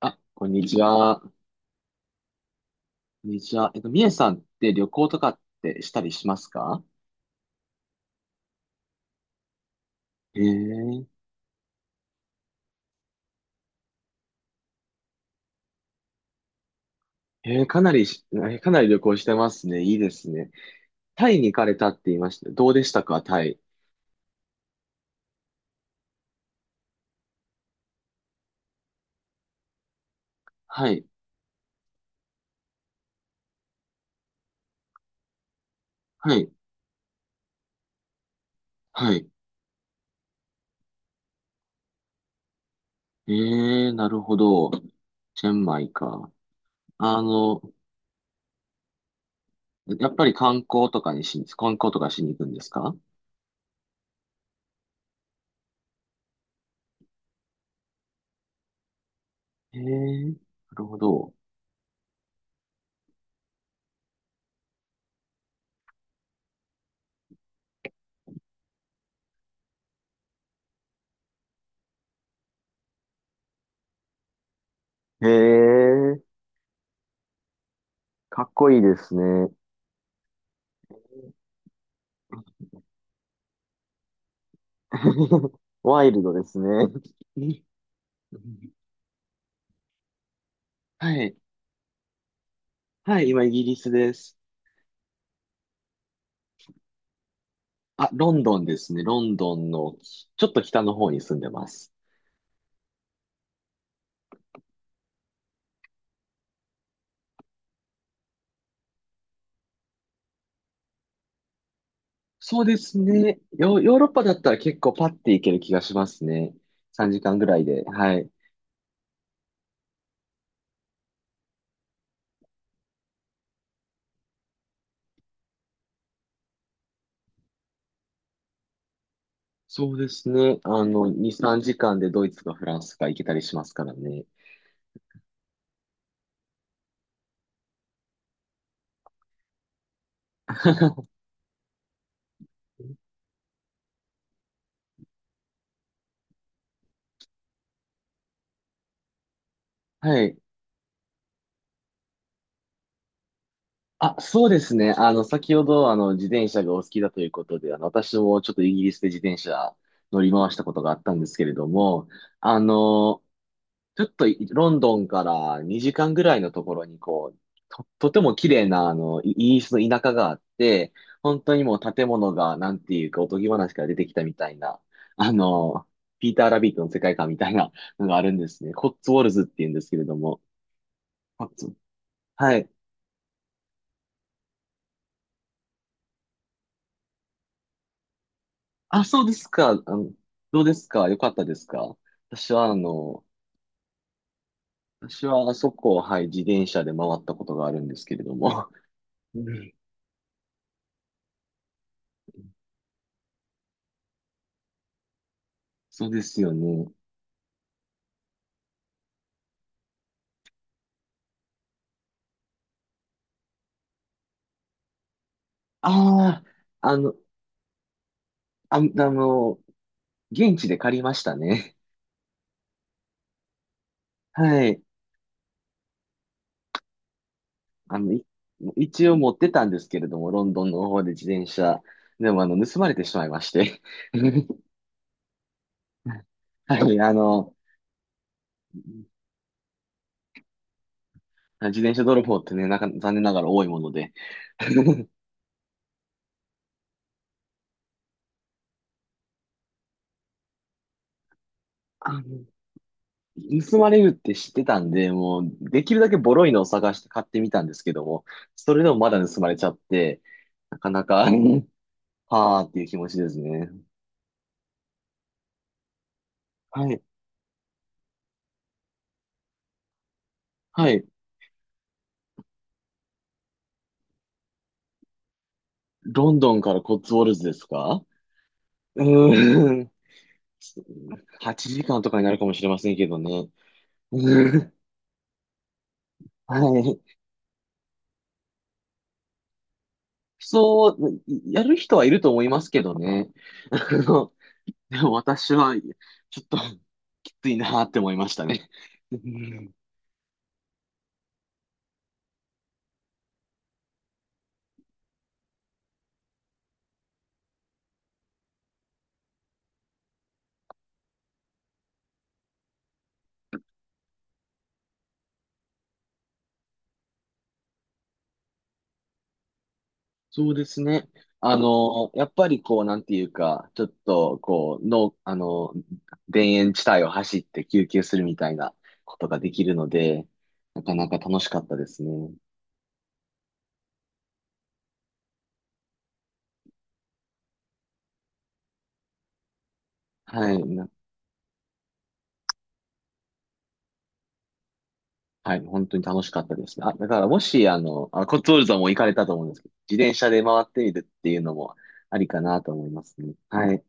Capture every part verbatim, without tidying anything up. あ、こんにちは。こんにちは。えっと、みえさんって旅行とかってしたりしますか？へえ。へえ、かなりし、えーかなり旅行してますね。いいですね。タイに行かれたって言いました。どうでしたか、タイ。はい。はい。はい。ええ、なるほど。チェンマイか。あの、やっぱり観光とかにし、観光とかしに行くんですか？へえ、なるほど。へえ、かっこいいですね。ワイルドですね。うん。はい。はい、今イギリスです。あ、ロンドンですね。ロンドンのちょっと北の方に住んでます。そうですね。ヨ、ヨーロッパだったら結構パッて行ける気がしますね。さんじかんぐらいで。はい。そうですね。あの、に、さんじかんでドイツかフランスか行けたりしますからね。はい。あ、そうですね。あの、先ほど、あの、自転車がお好きだということで、あの、私もちょっとイギリスで自転車乗り回したことがあったんですけれども、あの、ちょっといロンドンからにじかんぐらいのところにこう、と、とても綺麗なあの、イイギリスの田舎があって、本当にもう建物がなんていうかおとぎ話から出てきたみたいな、あの、ピーター・ラビットの世界観みたいなのがあるんですね。コッツウォルズって言うんですけれども。コッツはい。あ、そうですか。あの、どうですか？よかったですか？私はあの、私はあそこを、はい、自転車で回ったことがあるんですけれども。うん。そうですよね。ああ、あの、あ、あの、現地で借りましたね。はい。あの、い一応持ってたんですけれども、ロンドンの方で自転車。でも、あの、盗まれてしまいまして。はい、あの、自転車泥棒ってね、なんか、残念ながら多いもので。あの、盗まれるって知ってたんで、もう、できるだけボロいのを探して買ってみたんですけども、それでもまだ盗まれちゃって、なかなか、はーっていう気持ちですね。はい。はい。ロンドンからコッツウォルズですか？うーん。はちじかんとかになるかもしれませんけどね。うん。はい。そう、やる人はいると思いますけどね。あの、でも私は、ちょっと、きついなって思いましたね。うん。そうですね。あの、やっぱりこう、なんていうか、ちょっと、こう、の、あの、田園地帯を走って休憩するみたいなことができるので、なかなか楽しかったですね。はい、な、はい、本当に楽しかったですね。あ、だからもし、あの、あ、コッツウォルズはもう行かれたと思うんですけど、自転車で回ってみるっていうのもありかなと思いますね。はい。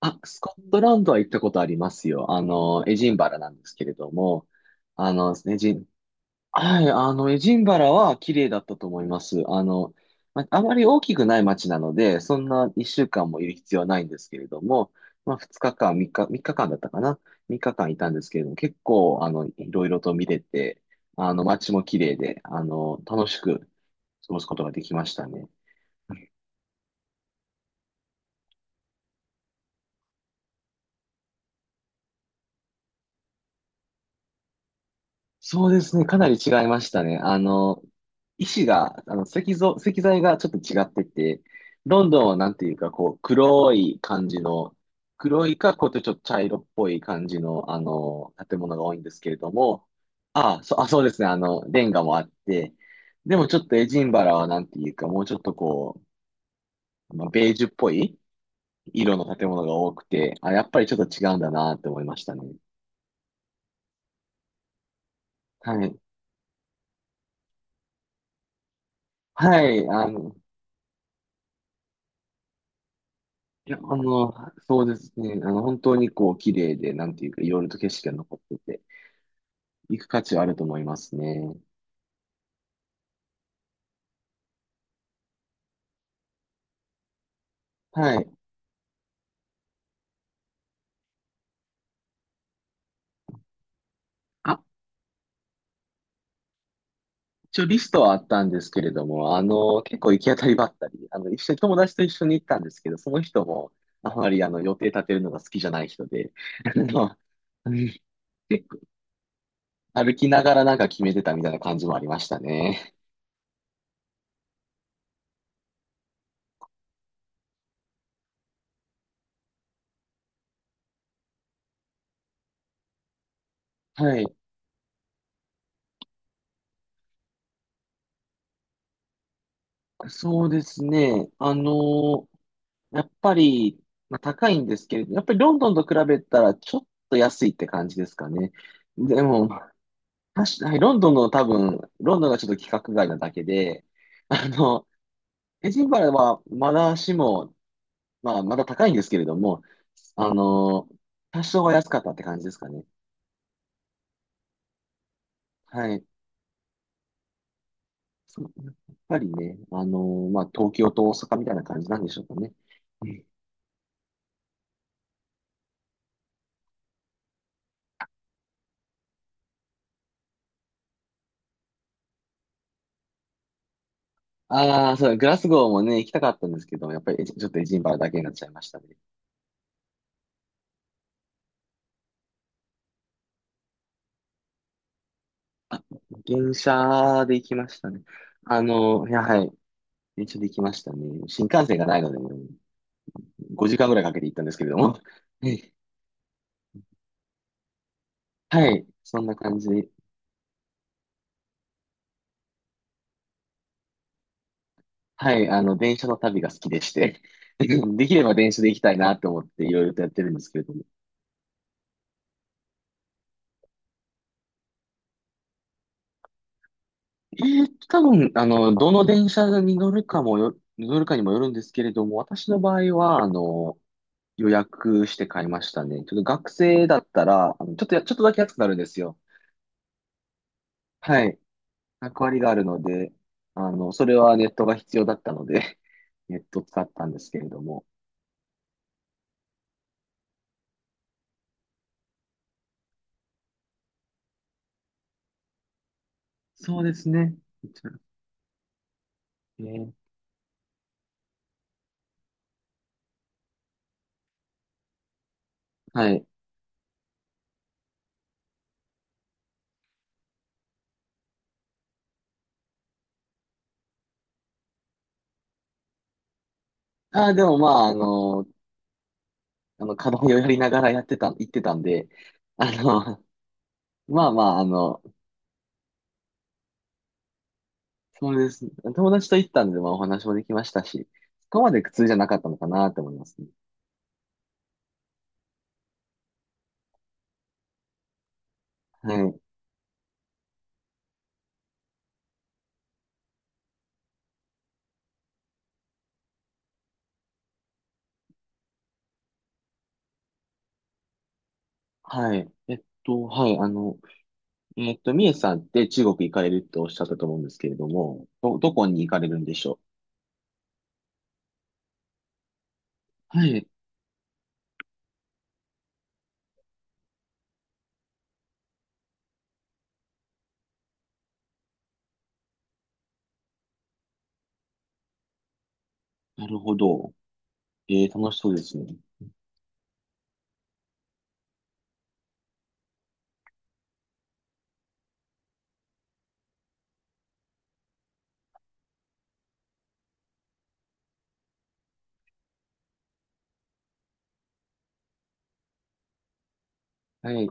あ、スコットランドは行ったことありますよ。あの、エジンバラなんですけれども、あのですね、エジン、はい、あの、エジンバラは綺麗だったと思います。あの、まあまり大きくない街なので、そんないっしゅうかんもいる必要はないんですけれども、まあ、ふつかかん、みっか、みっかかんだったかな ?みっか 日間いたんですけれども、結構、あの、いろいろと見れて、あの、街も綺麗で、あの、楽しく過ごすことができましたね。そうですね。かなり違いましたね。あの、石が、あの、石像、石材がちょっと違ってて、ロンドンはなんていうか、こう、黒い感じの、黒いか、こうやってちょっと茶色っぽい感じの、あの、建物が多いんですけれども、ああ、そ、あ、そうですね。あの、レンガもあって、でもちょっとエジンバラはなんていうか、もうちょっとこう、まあ、ベージュっぽい色の建物が多くて、あ、やっぱりちょっと違うんだなって思いましたね。はい。はい。あの、いや、あの、そうですね。あの、本当にこう、綺麗で、なんていうか、いろいろと景色が残ってて、行く価値はあると思いますね。はい。あ、一応リストはあったんですけれども、あの、結構行き当たりばったり、あの、一緒に友達と一緒に行ったんですけど、その人も、あまりあの、予定立てるのが好きじゃない人で、あの、うん。結構歩きながらなんか決めてたみたいな感じもありましたね。はい。そうですね。あのやっぱり、まあ、高いんですけれど、やっぱりロンドンと比べたらちょっと安いって感じですかね。でも、確かにロンドンの多分、ロンドンがちょっと規格外なだけで、あの、エジンバラはまだしも、まあ、まだ高いんですけれども、あの、多少は安かったって感じですかね。はい。そうやっぱりね、あの、まあ、東京と大阪みたいな感じなんでしょうかね。ああー、そう、グラスゴーもね、行きたかったんですけど、やっぱりえちょっとエジンバラだけになっちゃいましたね。あ、電車で行きましたね。あの、いや、はい。電車で行きましたね。新幹線がないので、ごじかんぐらいかけて行ったんですけれども。はい。はい、そんな感じ。はい。あの、電車の旅が好きでして。できれば電車で行きたいなと思っていろいろとやってるんですけれども。えー、多分、あの、どの電車に乗るかもよ、乗るかにもよるんですけれども、私の場合は、あの、予約して買いましたね。ちょっと学生だったら、あのちょっとや、ちょっとだけ安くなるんですよ。はい。役割があるので、あの、それはネットが必要だったので、ネットを使ったんですけれども。そうですね。えーはい。ああ、でもまあ、あの、あの、課題をやりながらやってた、行ってたんで、あの、まあまあ、あの、そうです。友達と行ったんで、まあお話もできましたし、そこまで苦痛じゃなかったのかなと思いますね。はい。はい。えっと、はい。あの、えっと、みえさんって中国行かれるとおっしゃったと思うんですけれども、ど、どこに行かれるんでしょう。はい。なるほど。えー、楽しそうですね。はい。